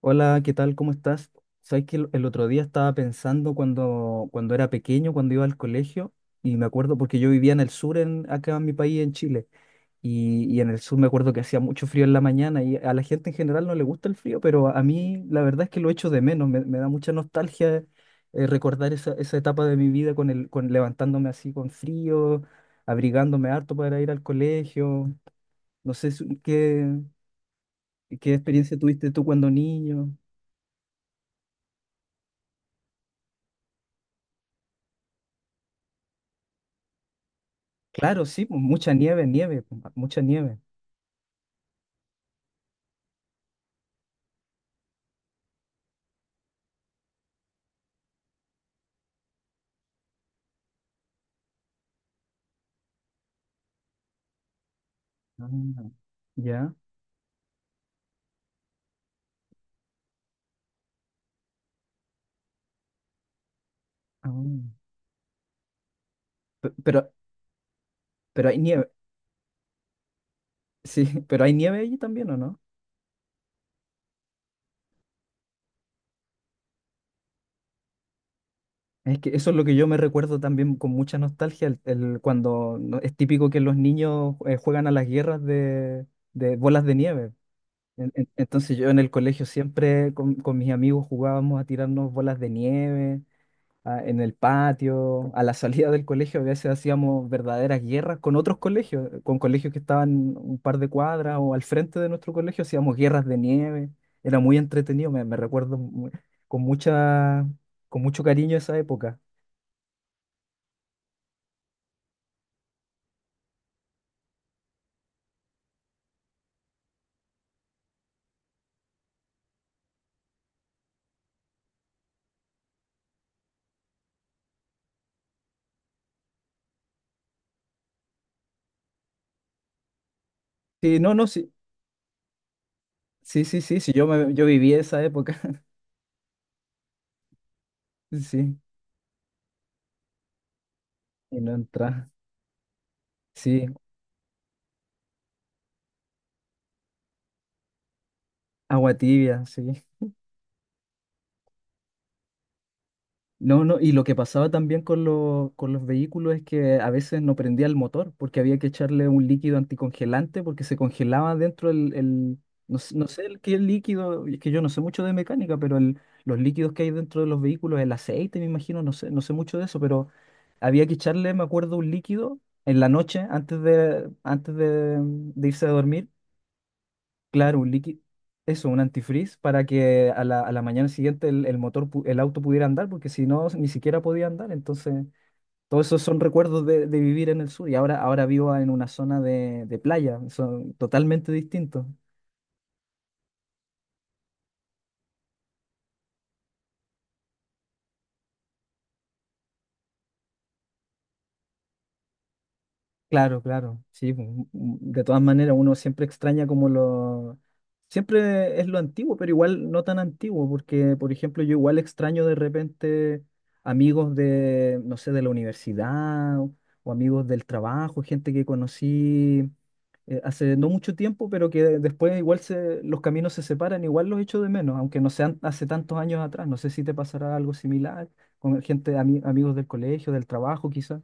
Hola, ¿qué tal? ¿Cómo estás? Sabes que el otro día estaba pensando cuando era pequeño, cuando iba al colegio, y me acuerdo porque yo vivía en el sur, acá en mi país, en Chile, y en el sur me acuerdo que hacía mucho frío en la mañana, y a la gente en general no le gusta el frío, pero a mí la verdad es que lo echo de menos, me da mucha nostalgia, recordar esa etapa de mi vida con levantándome así con frío, abrigándome harto para ir al colegio, no sé qué experiencia tuviste tú cuando niño. Claro, sí, pues, mucha nieve, pues, mucha nieve. Ah, ya. Ah. Pe- Pero, pero hay nieve, sí, pero hay nieve allí también, ¿o no? Es que eso es lo que yo me recuerdo también con mucha nostalgia, cuando es típico que los niños juegan a las guerras de bolas de nieve. Entonces yo en el colegio siempre con mis amigos jugábamos a tirarnos bolas de nieve en el patio, a la salida del colegio, a veces hacíamos verdaderas guerras con otros colegios, con colegios que estaban un par de cuadras o al frente de nuestro colegio, hacíamos guerras de nieve, era muy entretenido, me recuerdo con mucha, con mucho cariño esa época. Sí, no, no, sí, sí, sí, sí, sí, yo viví esa época, sí, y no entra, sí, agua tibia, sí. No, no, y lo que pasaba también con los vehículos es que a veces no prendía el motor porque había que echarle un líquido anticongelante porque se congelaba dentro no sé el qué líquido, es que yo no sé mucho de mecánica, los líquidos que hay dentro de los vehículos, el aceite, me imagino, no sé, no sé mucho de eso, pero había que echarle, me acuerdo, un líquido en la noche antes de irse a dormir. Claro, un líquido, eso, un antifreeze para que a la mañana siguiente el motor, el auto pudiera andar, porque si no, ni siquiera podía andar. Entonces, todos esos son recuerdos de vivir en el sur y ahora, ahora vivo en una zona de playa, son totalmente distintos. Claro, claro, sí. Pues, de todas maneras, uno siempre extraña como lo. Siempre es lo antiguo, pero igual no tan antiguo, porque, por ejemplo, yo igual extraño de repente amigos de, no sé, de la universidad o amigos del trabajo, gente que conocí, hace no mucho tiempo, pero que después igual los caminos se separan, igual los echo de menos, aunque no sean hace tantos años atrás. No sé si te pasará algo similar con gente, amigos del colegio, del trabajo, quizás.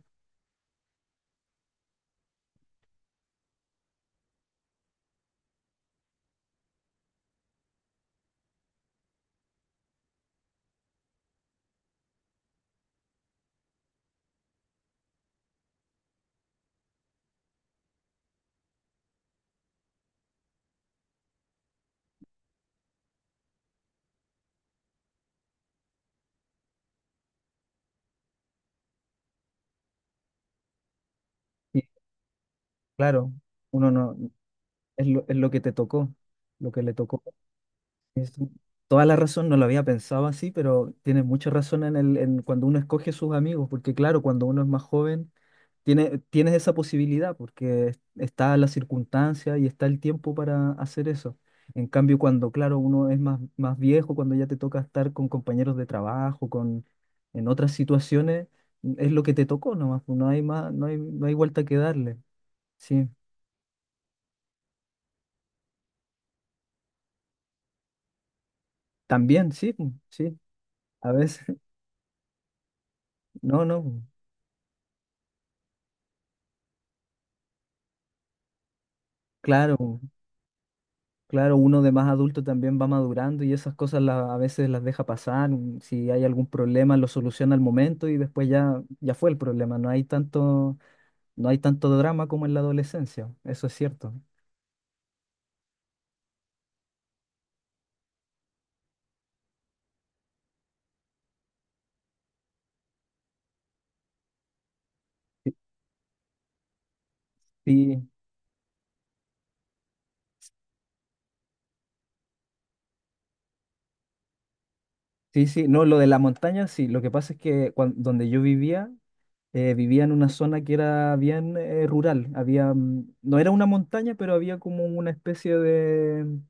Y claro, uno no, es lo que te tocó, lo que le tocó. Es toda la razón, no lo había pensado así, pero tiene mucha razón en cuando uno escoge sus amigos, porque claro, cuando uno es más joven, tienes esa posibilidad, porque está la circunstancia y está el tiempo para hacer eso. En cambio, cuando, claro, uno es más, más viejo, cuando ya te toca estar con compañeros de trabajo, en otras situaciones, es lo que te tocó nomás, pues, no hay más, no hay vuelta que darle. Sí, también, sí, pues, sí, a veces. No, no, claro, claro, uno de más adulto también va madurando y esas cosas a veces las deja pasar. Si hay algún problema, lo soluciona al momento y después ya, ya fue el problema. No hay tanto, drama como en la adolescencia, eso es cierto. Sí, sí, sí, sí, no, lo de la montaña, sí, lo que pasa es que donde yo vivía, vivía en una zona que era bien rural, había, no era una montaña, pero había como una especie de,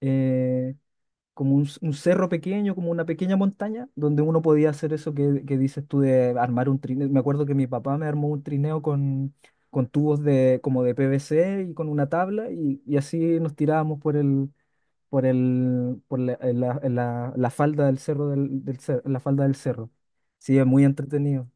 eh, como un cerro pequeño, como una pequeña montaña, donde uno podía hacer eso que dices tú de armar un trineo. Me acuerdo que mi papá me armó un trineo con tubos como de PVC y con una tabla y así nos tirábamos por el, por el, por la, en la, en la- la falda del cerro la falda del cerro. Sí, es muy entretenido.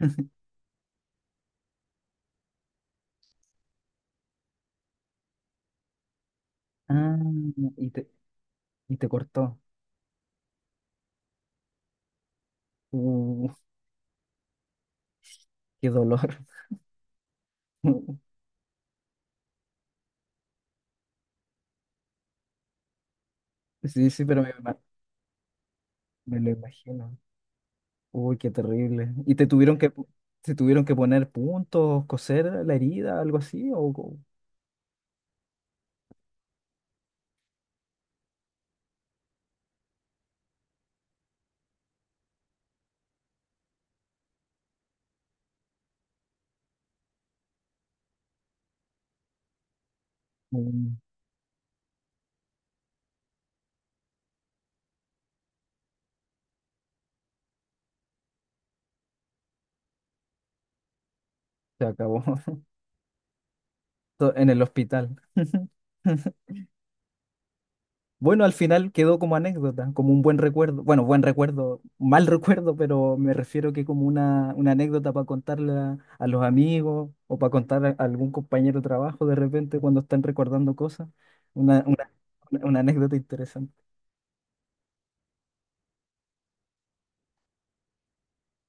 Ah, y te, y te cortó. Uh, qué dolor. Sí, sí, me lo imagino. Uy, qué terrible. ¿Y te tuvieron que poner puntos, coser la herida, algo así? ¿O se acabó? ¿En el hospital? Bueno, al final quedó como anécdota, como un buen recuerdo. Bueno, buen recuerdo, mal recuerdo, pero me refiero que como una anécdota para contarle a los amigos o para contar a algún compañero de trabajo de repente cuando están recordando cosas. Una, una, una anécdota interesante.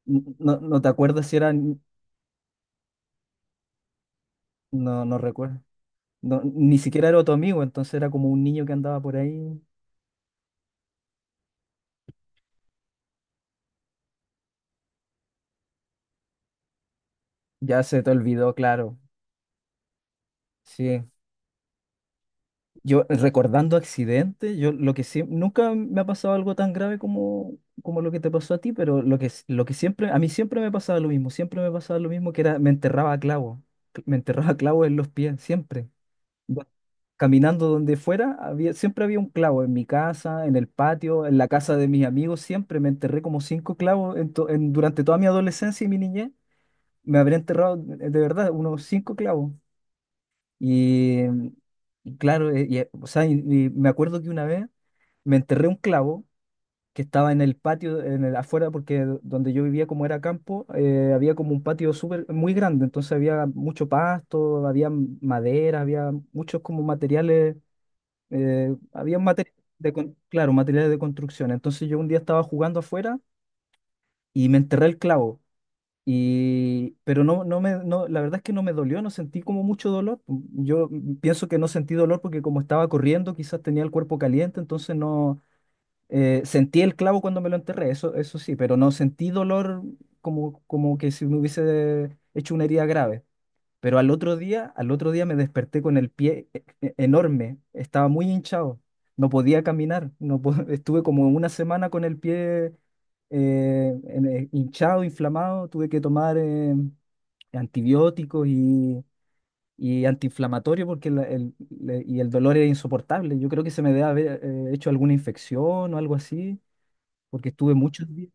No, no te acuerdas si era. No, no recuerdo. No, ni siquiera era tu amigo, entonces era como un niño que andaba por ahí. Ya se te olvidó, claro. Sí. Yo recordando accidentes, yo lo que siempre, nunca me ha pasado algo tan grave como lo que te pasó a ti, pero lo que siempre, a mí siempre me pasaba lo mismo, siempre me pasaba lo mismo que era, me enterraba a clavo, en los pies, siempre. Do- Caminando donde fuera, había, siempre había un clavo en mi casa, en el patio, en la casa de mis amigos, siempre me enterré como cinco clavos en durante toda mi adolescencia y mi niñez. Me habría enterrado de verdad unos cinco clavos. Y, y claro, o sea, y me acuerdo que una vez me enterré un clavo que estaba en el patio, afuera, porque donde yo vivía, como era campo, había como un patio súper muy grande, entonces había mucho pasto, había madera, había muchos como materiales, había materiales claro, materiales de construcción. Entonces yo un día estaba jugando afuera y me enterré el clavo. Y, pero no, no me, no, la verdad es que no me dolió, no sentí como mucho dolor. Yo pienso que no sentí dolor porque como estaba corriendo, quizás tenía el cuerpo caliente, entonces no, sentí el clavo cuando me lo enterré, eso sí, pero no sentí dolor como que si me hubiese hecho una herida grave. Pero al otro día me desperté con el pie enorme, estaba muy hinchado, no podía caminar, no po- estuve como una semana con el pie hinchado, inflamado, tuve que tomar antibióticos y antiinflamatorio porque la- el, le- y el dolor era insoportable. Yo creo que se me debe haber hecho alguna infección o algo así, porque estuve muchos días.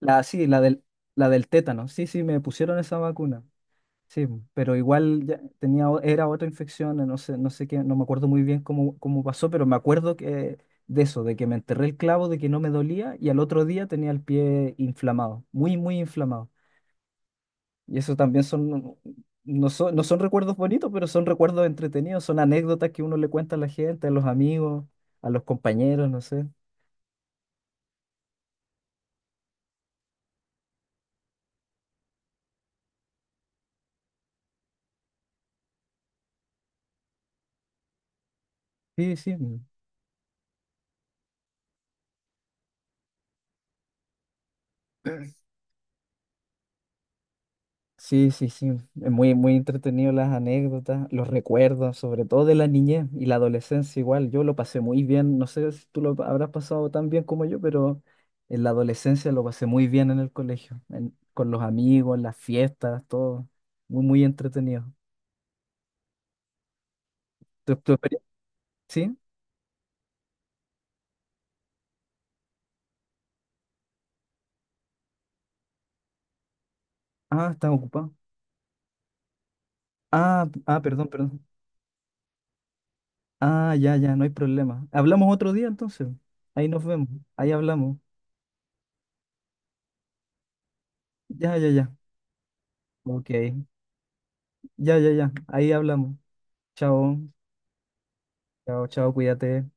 Sí, la del tétano, sí, sí, me pusieron esa vacuna. Sí, pero igual ya tenía, era otra infección, no sé, no sé qué, no me acuerdo muy bien cómo pasó, pero me acuerdo que de eso, de que me enterré el clavo, de que no me dolía y al otro día tenía el pie inflamado, muy, muy inflamado. Y eso también son, no son, no son recuerdos bonitos, pero son recuerdos entretenidos, son anécdotas que uno le cuenta a la gente, a los amigos, a los compañeros, no sé. Sí, sí. Sí, sí, sí. Es muy, muy entretenido las anécdotas, los recuerdos, sobre todo de la niñez y la adolescencia igual. Yo lo pasé muy bien. No sé si tú lo habrás pasado tan bien como yo, pero en la adolescencia lo pasé muy bien en el colegio, con los amigos, las fiestas, todo. Muy, muy entretenido. ¿Tu experiencia? ¿Sí? Ah, estás ocupado. Ah, ah, perdón, perdón. Ah, ya, ya, no hay problema. Hablamos otro día entonces. Ahí nos vemos. Ahí hablamos. Ya, ya, ya. Ok. Ya, ya, ya. Ahí hablamos. Chao. Chao, chao, cuídate.